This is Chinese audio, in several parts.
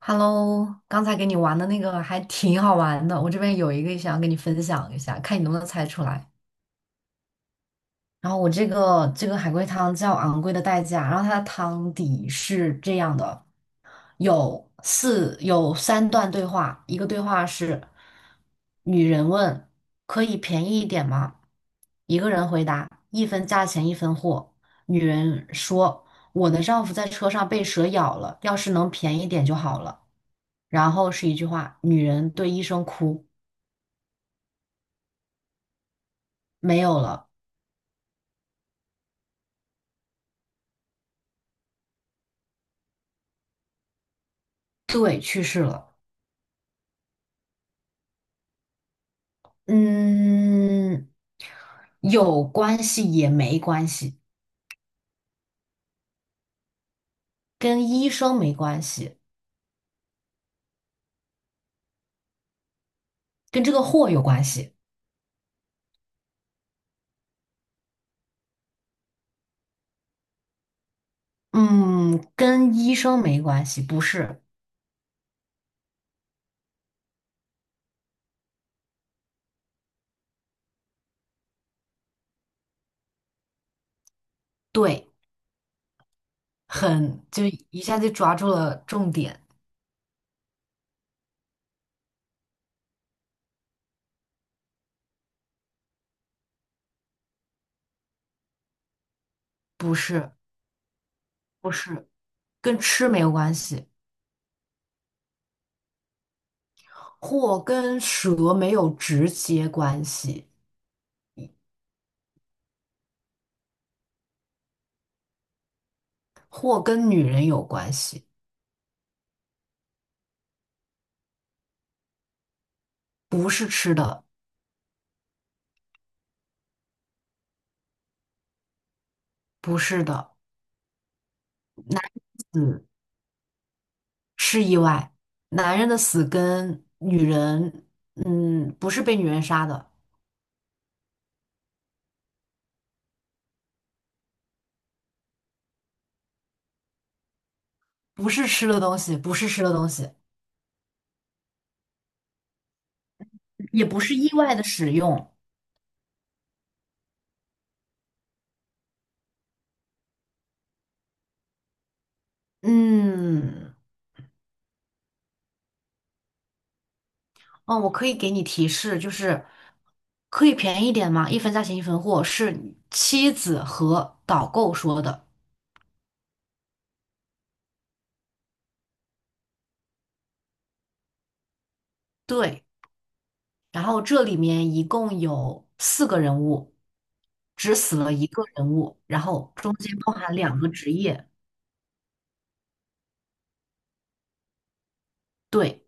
Hello，刚才给你玩的那个还挺好玩的，我这边有一个想要跟你分享一下，看你能不能猜出来。然后我这个海龟汤叫《昂贵的代价》，然后它的汤底是这样的：有三段对话，一个对话是女人问可以便宜一点吗？一个人回答一分价钱一分货。女人说我的丈夫在车上被蛇咬了，要是能便宜点就好了。然后是一句话：女人对医生哭，没有了，对，去世了。嗯，有关系也没关系，跟医生没关系，跟这个货有关系。嗯，跟医生没关系，不是。对，很，就一下就抓住了重点，不是，不是，跟吃没有关系，或跟蛇没有直接关系，或跟女人有关系，不是吃的。不是的，男子是意外，男人的死跟女人，嗯，不是被女人杀的，不是吃的东西，不是吃的东西，也不是意外的使用。嗯，哦，我可以给你提示，就是可以便宜一点吗？一分价钱一分货，是妻子和导购说的。对，然后这里面一共有四个人物，只死了一个人物，然后中间包含两个职业。对。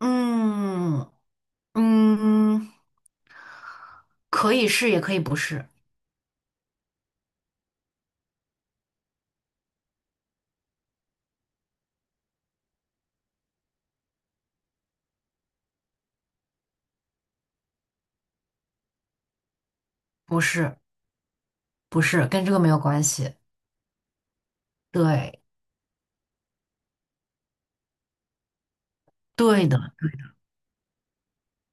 嗯嗯，可以是，也可以不是，不是，不是，跟这个没有关系。对，对的，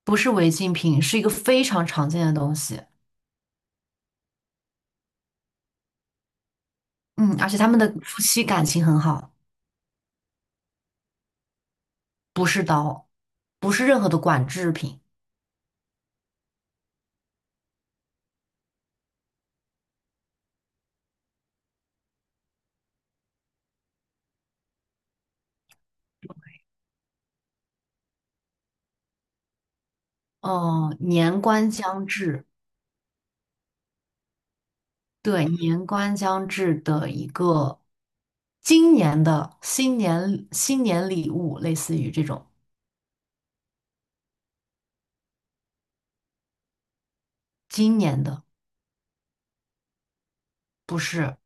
不是违禁品，是一个非常常见的东西。嗯，而且他们的夫妻感情很好，不是刀，不是任何的管制品。哦、年关将至，对，年关将至的一个今年的新年礼物，类似于这种今年的，不是。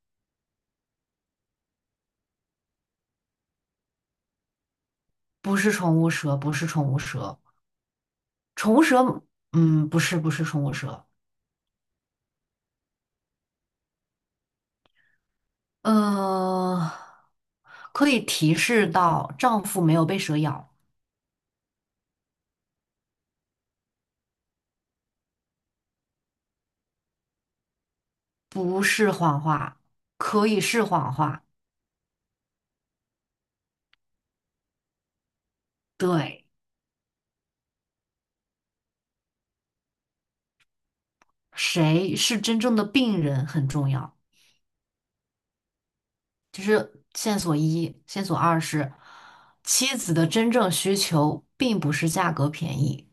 不是宠物蛇，不是宠物蛇，宠物蛇，嗯，不是，不是宠物蛇，呃，可以提示到丈夫没有被蛇咬，不是谎话，可以是谎话，对，谁是真正的病人很重要，就是线索一，线索二是妻子的真正需求并不是价格便宜，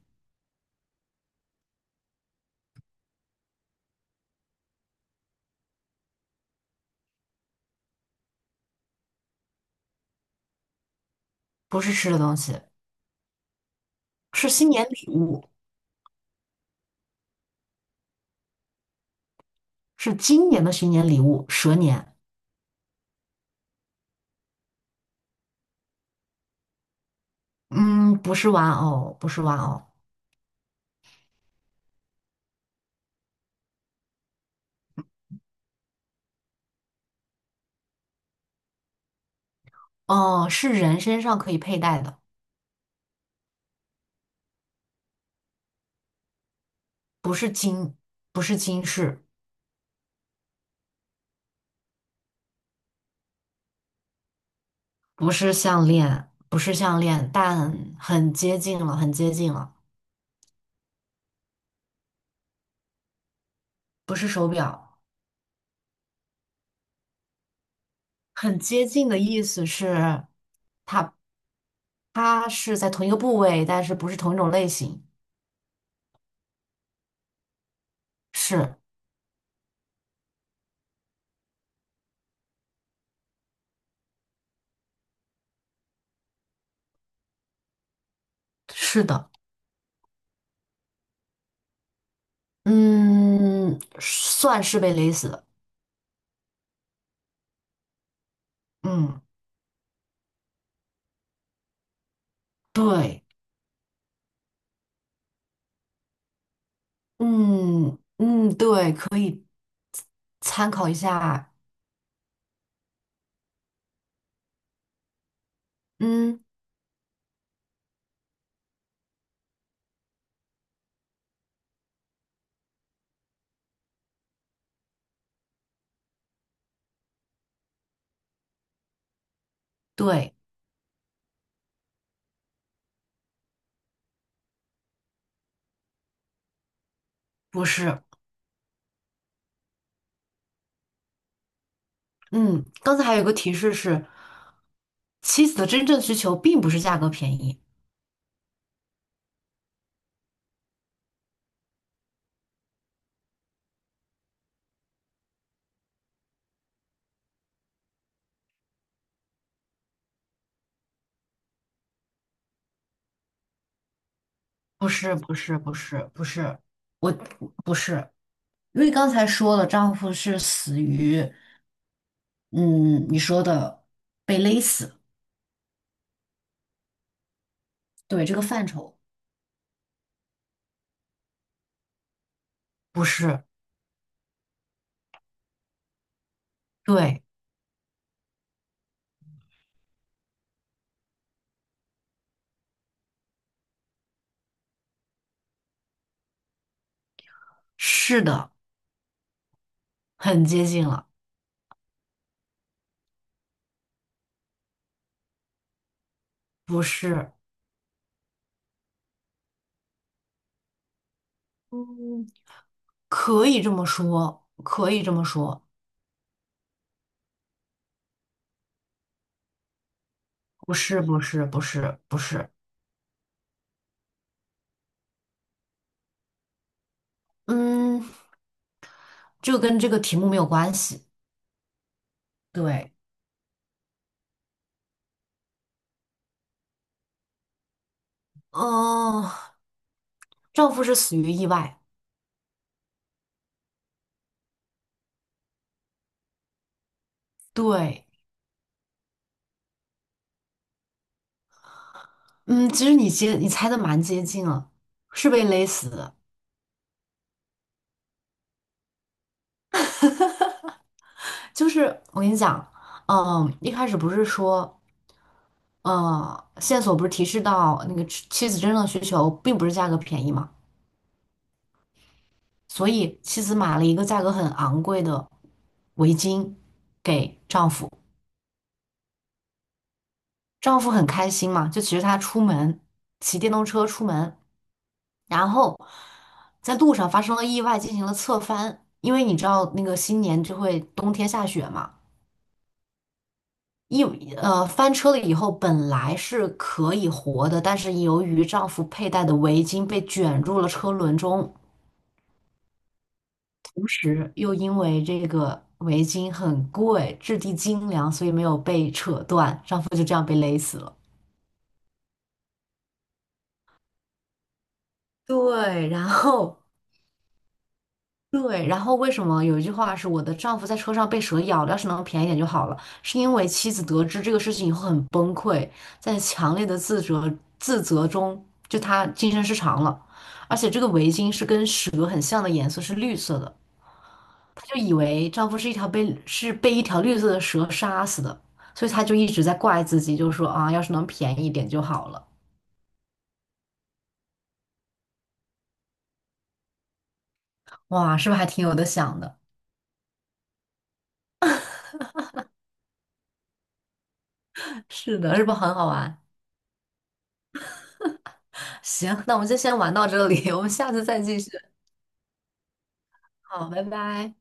不是吃的东西，是新年礼物，是今年的新年礼物，蛇年。嗯，不是玩偶，不是玩偶，哦，是人身上可以佩戴的，不是金，不是金饰，不是项链，不是项链，但很接近了，很接近了，不是手表，很接近的意思是它它是在同一个部位，但是不是同一种类型，是是的，嗯，算是被勒死的，嗯，对，嗯嗯，对，可以参考一下，嗯，对，不是。嗯，刚才还有一个提示是，妻子的真正需求并不是价格便宜，不是，不是，不是，不是，我不是，因为刚才说了，丈夫是死于，嗯，你说的被勒死，对，这个范畴，不是，对，是的，很接近了，不是，嗯，可以这么说，可以这么说，不是，不是，不是，不是，嗯，这个跟这个题目没有关系，对。嗯，丈夫是死于意外。对，嗯，其实你猜的蛮接近了，是被勒死的。就是我跟你讲，嗯，一开始不是说，嗯，线索不是提示到那个妻子真正的需求并不是价格便宜嘛，所以妻子买了一个价格很昂贵的围巾给丈夫，丈夫很开心嘛，就骑着他出门，骑电动车出门。然后在路上发生了意外，进行了侧翻。因为你知道那个新年就会冬天下雪嘛，一翻车了以后本来是可以活的，但是由于丈夫佩戴的围巾被卷入了车轮中，同时又因为这个围巾很贵，质地精良，所以没有被扯断，丈夫就这样被勒死了。对，然后。对，然后为什么有一句话是我的丈夫在车上被蛇咬了，要是能便宜点就好了？是因为妻子得知这个事情以后很崩溃，在强烈的自责中，就她精神失常了。而且这个围巾是跟蛇很像的颜色，是绿色的，她就以为丈夫是一条被是被一条绿色的蛇杀死的，所以她就一直在怪自己，就说啊，要是能便宜一点就好了。哇，是不是还挺有的想的？是的，是不是很好玩？行，那我们就先玩到这里，我们下次再继续。好，拜拜。